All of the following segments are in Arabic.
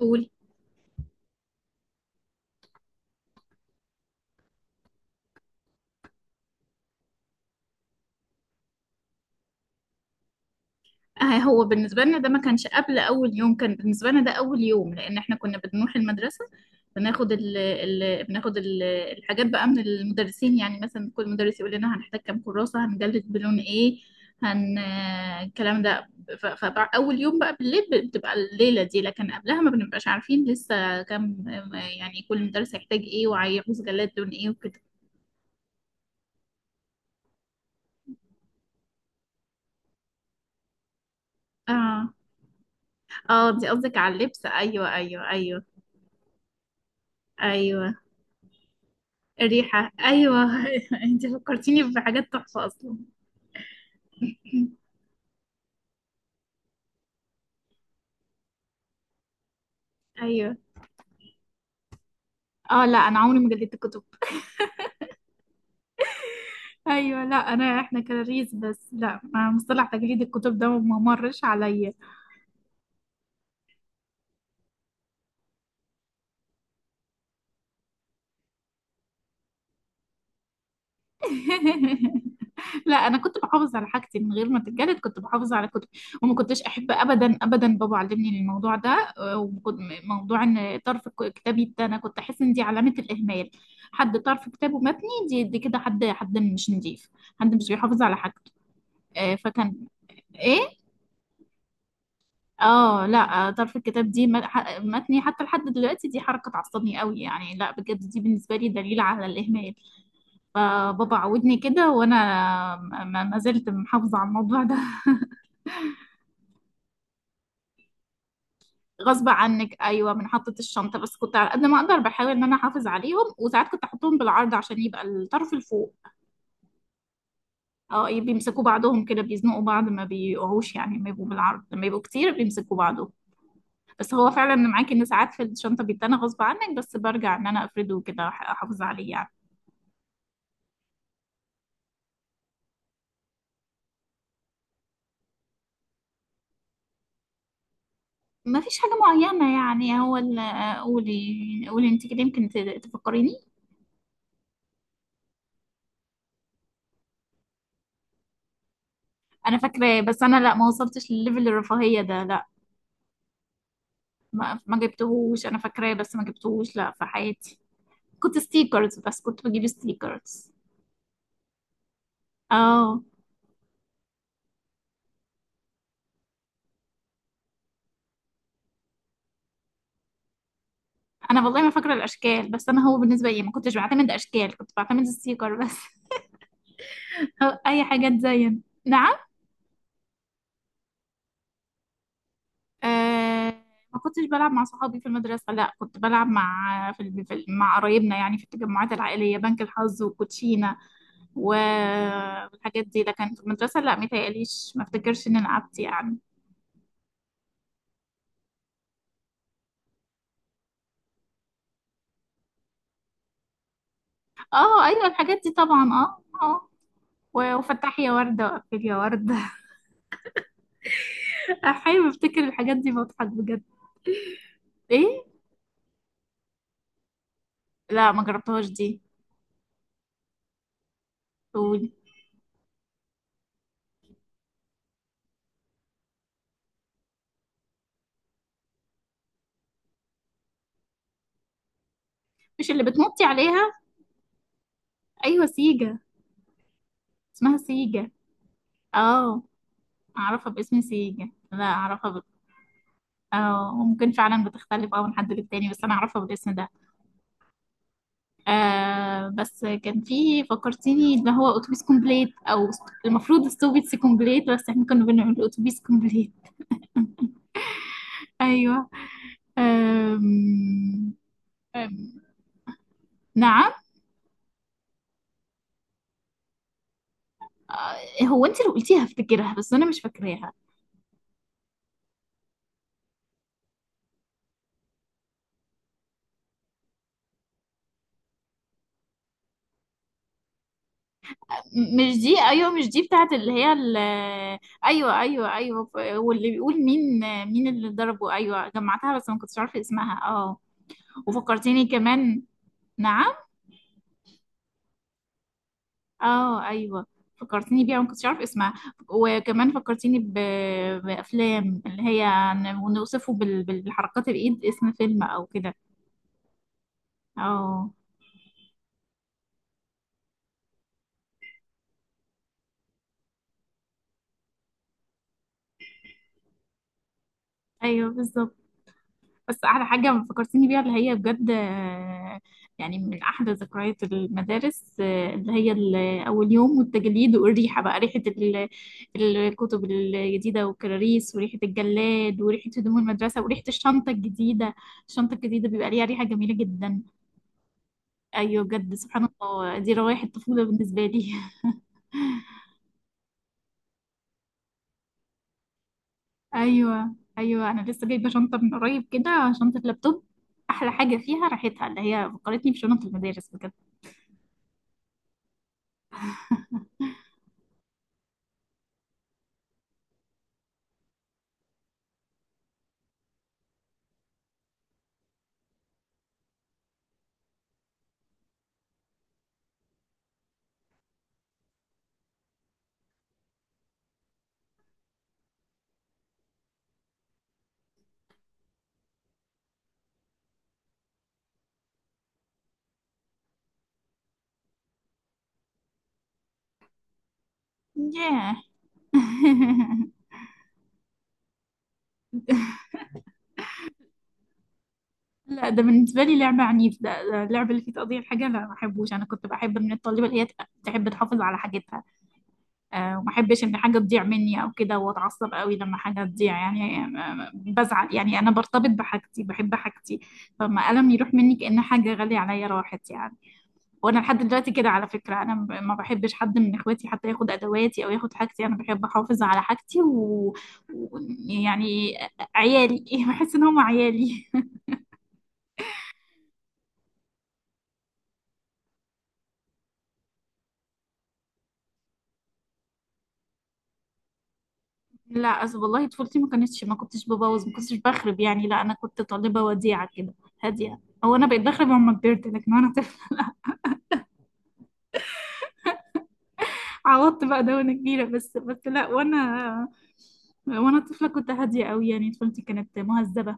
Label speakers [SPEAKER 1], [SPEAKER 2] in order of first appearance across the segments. [SPEAKER 1] قول. هو بالنسبة لنا ده ما كانش قبل أول يوم، كان بالنسبة لنا ده أول يوم، لأن إحنا كنا بنروح المدرسة بناخد ال ال بناخد ال الحاجات بقى من المدرسين. يعني مثلا كل مدرس يقول لنا هنحتاج كام كراسة، هنجلد بلون إيه، هن آه، الكلام ده. فأول يوم بقى بالليل بتبقى الليلة دي، لكن قبلها ما بنبقاش عارفين لسه كام، يعني كل مدرس هيحتاج إيه وهيعوز جلاد لون إيه وكده. آه، آه دي قصدك على اللبس. أيوه أيوه أيوه. أيوه الريحة. أيوة. أنت فكرتيني بحاجات تحفة أصلا. أيوة. اه، لا أنا عمري ما جلدت كتب. أيوة، لا أنا إحنا كراريس بس. لا، ما مصطلح تجليد الكتب ده ما مرش عليا. لا أنا كنت بحافظ على حاجتي من غير ما تتجلد، كنت بحافظ على كتب. وما كنتش أحب أبدا أبدا، بابا علمني الموضوع ده. آه، وكنت- موضوع إن طرف كتابي ده، أنا كنت أحس إن دي علامة الإهمال. حد طرف كتابه متني دي كده، حد مش نضيف، حد مش بيحافظ على حاجته. فكان ايه. اه، لا ظرف الكتاب دي متني حتى لحد دلوقتي، دي حركه تعصبني قوي يعني. لا بجد دي بالنسبه لي دليل على الاهمال. فبابا عودني كده وانا ما زلت محافظه على الموضوع ده. غصب عنك، ايوه، من حطة الشنطه. بس كنت على قد ما اقدر بحاول ان انا احافظ عليهم، وساعات كنت احطهم بالعرض عشان يبقى الطرف الفوق. اه بيمسكوا بعضهم كده، بيزنقوا بعض ما بيقعوش، يعني لما يبقوا بالعرض، لما يبقوا كتير بيمسكوا بعضهم. بس هو فعلا انا معاكي ان ساعات في الشنطه بيتنا غصب عنك، بس برجع ان انا افرده كده احافظ عليه يعني. ما فيش حاجه معينه يعني، هو قولي. قولي انت كده يمكن تفكريني. انا فاكراه، بس انا لا ما وصلتش لليفل الرفاهيه ده، لا. ما جبتهوش، انا فاكراه بس ما جبتهوش، لا في حياتي. كنت ستيكرز، بس كنت بجيب ستيكرز. اه. انا والله ما فاكره الاشكال، بس انا هو بالنسبه لي ما كنتش بعتمد اشكال، كنت بعتمد ستيكر بس. أو اي حاجه تزين. نعم. آه ما كنتش بلعب مع صحابي في المدرسة، لا، كنت بلعب مع مع قرايبنا، يعني في التجمعات العائلية، بنك الحظ وكوتشينة و- والحاجات دي. لكن في المدرسة لا، متهيأليش، ما افتكرش اني لعبت يعني. اه ايوه الحاجات دي طبعا. اه اه. وفتح يا وردة وقفل يا وردة. احيانا بفتكر الحاجات دي بضحك بجد. ايه؟ لا ما جربتهاش دي. قولي. مش اللي بتنطي عليها؟ ايوه سيجا، اسمها سيجا. اه اعرفها باسم سيجا، لا اعرفها. اه ممكن فعلا بتختلف، اه من حد للتاني، بس انا اعرفها بالاسم ده. آه بس كان في، فكرتيني، اللي هو اتوبيس كومبليت او المفروض السوفيتس كومبليت، بس احنا كنا بنعمل اتوبيس كومبليت. ايوه. آم آم نعم. هو انت اللي قلتيها افتكرها بس انا مش فاكراها. مش دي. ايوه مش دي بتاعت اللي هي ايوه ايوه ايوه. واللي بيقول مين، مين اللي ضربه. ايوه جمعتها بس ما كنتش عارفه اسمها. اه. وفكرتيني كمان. نعم. اه ايوه فكرتيني بيها، ما كنتش عارف اسمها. وكمان فكرتيني بافلام، اللي هي ونوصفه بالحركات، الايد اسم فيلم او كده. اه. ايوه بالظبط. بس احلى حاجه فكرتيني بيها اللي هي بجد، يعني من احلى ذكريات المدارس، اللي هي اول يوم، والتجليد، والريحه بقى، ريحه الكتب الجديده، والكراريس، وريحه الجلاد، وريحه هدوم المدرسه، وريحه الشنطه الجديده. الشنطه الجديده بيبقى ليها ريحه جميله جدا. ايوه بجد، سبحان الله، دي روايح الطفوله بالنسبه لي. ايوه ايوه، انا لسه جايبه شنطه من قريب كده، شنطه لابتوب. احلى حاجه فيها راحتها، اللي هي فكرتني بشنط المدارس بجد. ياه. لا ده بالنسبه لي لعبه عنيف، ده اللعبه اللي فيه تقضية الحاجه، لا ما بحبوش. انا كنت بحب من الطالبه اللي هي تحب تحافظ على حاجتها. وما احبش ان حاجه تضيع مني او كده، واتعصب قوي لما حاجه تضيع يعني، بزعل يعني. انا برتبط بحاجتي، بحب حاجتي. فما قلم يروح مني كأن حاجه غاليه عليا راحت يعني. وانا لحد دلوقتي كده على فكره، انا ما بحبش حد من اخواتي حتى ياخد ادواتي او ياخد حاجتي. انا بحب احافظ على حاجتي و... يعني عيالي. بحس ان هم عيالي. لا أصل والله طفولتي ما كانتش، ما كنتش ببوظ، ما كنتش بخرب يعني، لا. انا كنت طالبه وديعه كده، هاديه. هو انا بقيت بخرب لما كبرت، لكن وانا عوضت بقى ده وانا كبيرة. بس لا. وانا طفلة كنت هادية قوي، يعني طفولتي كانت مهذبة.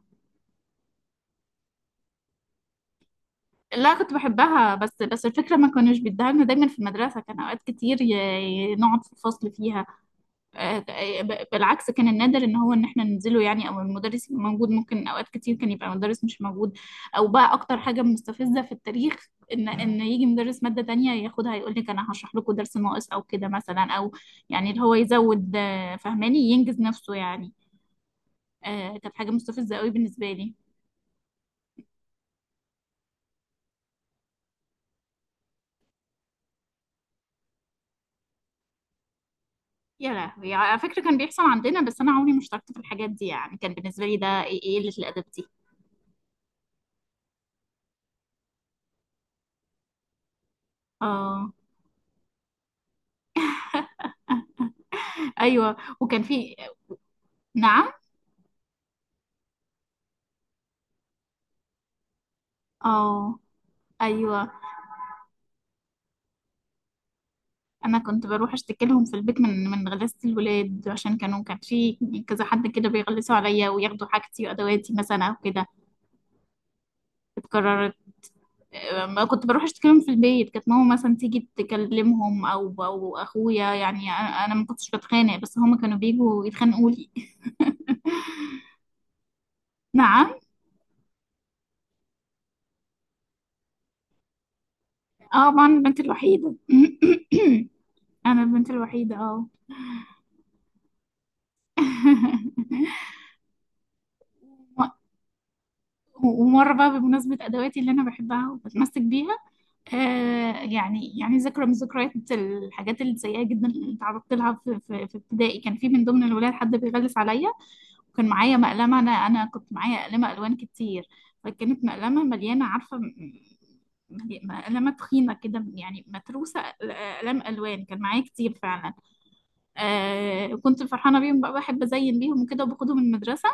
[SPEAKER 1] لا كنت بحبها، بس الفكرة ما كانوش بيديها لنا دايما في المدرسة، كان اوقات كتير نقعد في الفصل فيها آه، بالعكس، كان النادر ان هو ان احنا ننزله يعني، او المدرس يبقى موجود، ممكن اوقات كتير كان يبقى مدرس مش موجود، او بقى اكتر حاجه مستفزه في التاريخ، ان يجي مدرس ماده تانية ياخدها، يقول لك انا هشرح لكم درس ناقص او كده مثلا، او يعني اللي هو يزود، فهماني ينجز نفسه يعني. كانت حاجه مستفزه قوي بالنسبه لي. يا لهوي، على فكره كان بيحصل عندنا، بس انا عمري ما اشتركت في الحاجات دي، يعني كان بالنسبه لي ده ايه، إيه قله الادب دي. اه ايوه وكان في. نعم. اه ايوه، انا كنت بروح اشتكي لهم في البيت من من غلاسة الولاد، عشان كانوا كان في كذا حد كده بيغلسوا عليا وياخدوا حاجتي وادواتي مثلا او كده. اتكررت. ما كنت بروح اشتكي لهم في البيت، كانت ماما مثلا تيجي تكلمهم او او اخويا. يعني انا ما كنتش بتخانق، بس هما كانوا بيجوا يتخانقوا لي. نعم. اه ما انا البنت الوحيدة. انا البنت الوحيدة اه. ومرة بقى بمناسبة ادواتي اللي انا بحبها وبتمسك بيها، يعني ذكرى من ذكريات الحاجات السيئة جدا اللي تعرضت لها في ابتدائي. كان في من ضمن الولاد حد بيغلس عليا، وكان معايا مقلمة. أنا كنت معايا مقلمة ألوان كتير. فكانت مقلمة مليانة، عارفة مقلمة تخينة كده يعني، متروسة أقلام ألوان، كان معايا كتير فعلا. كنت فرحانة بيهم بقى، بحب أزين بيهم وكده، وباخدهم المدرسة.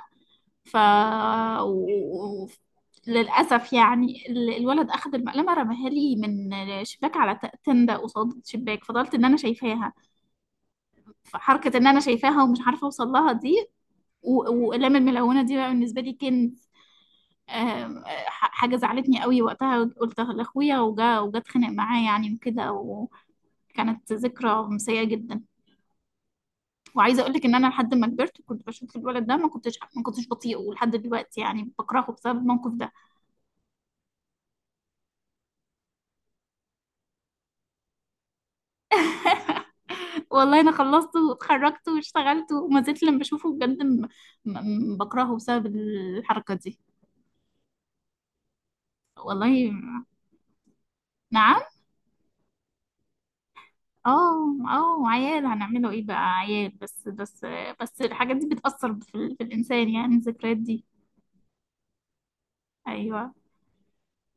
[SPEAKER 1] ف و... و- للأسف يعني الولد أخذ المقلمة، رماها لي من شباك على تندة قصاد شباك، فضلت إن أنا شايفاها. فحركة إن أنا شايفاها ومش عارفة أوصل لها دي، وأقلام الملونة دي، بقى بالنسبة لي كان حاجة زعلتني قوي وقتها. قلت لأخويا وجا، وجا اتخانق معاه يعني وكده، وكانت ذكرى سيئة جدا. وعايزة أقول لك إن أنا لحد ما كبرت كنت بشوف الولد ده، ما كنتش بطيئه ولحد دلوقتي، يعني بكرهه بسبب الموقف ده. والله انا خلصته واتخرجت واشتغلت وما زلت لما بشوفه بجد، بكرهه بسبب الحركة دي. والله. نعم. اه اه. عيال هنعمله ايه بقى؟ عيال. بس الحاجات دي بتأثر في الإنسان يعني الذكريات دي. ايوه.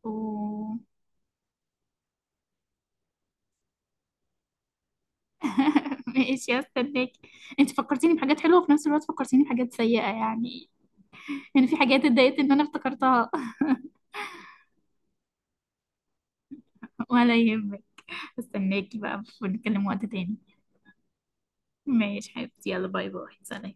[SPEAKER 1] و... ماشي هستناكي. انت فكرتيني بحاجات حلوة وفي نفس الوقت فكرتيني بحاجات سيئة، يعني يعني في حاجات اتضايقت ان انا افتكرتها. ولا يهمك. استناكي بقى ونتكلم وقت تاني. ماشي حبيبتي يلا، باي باي، سلام.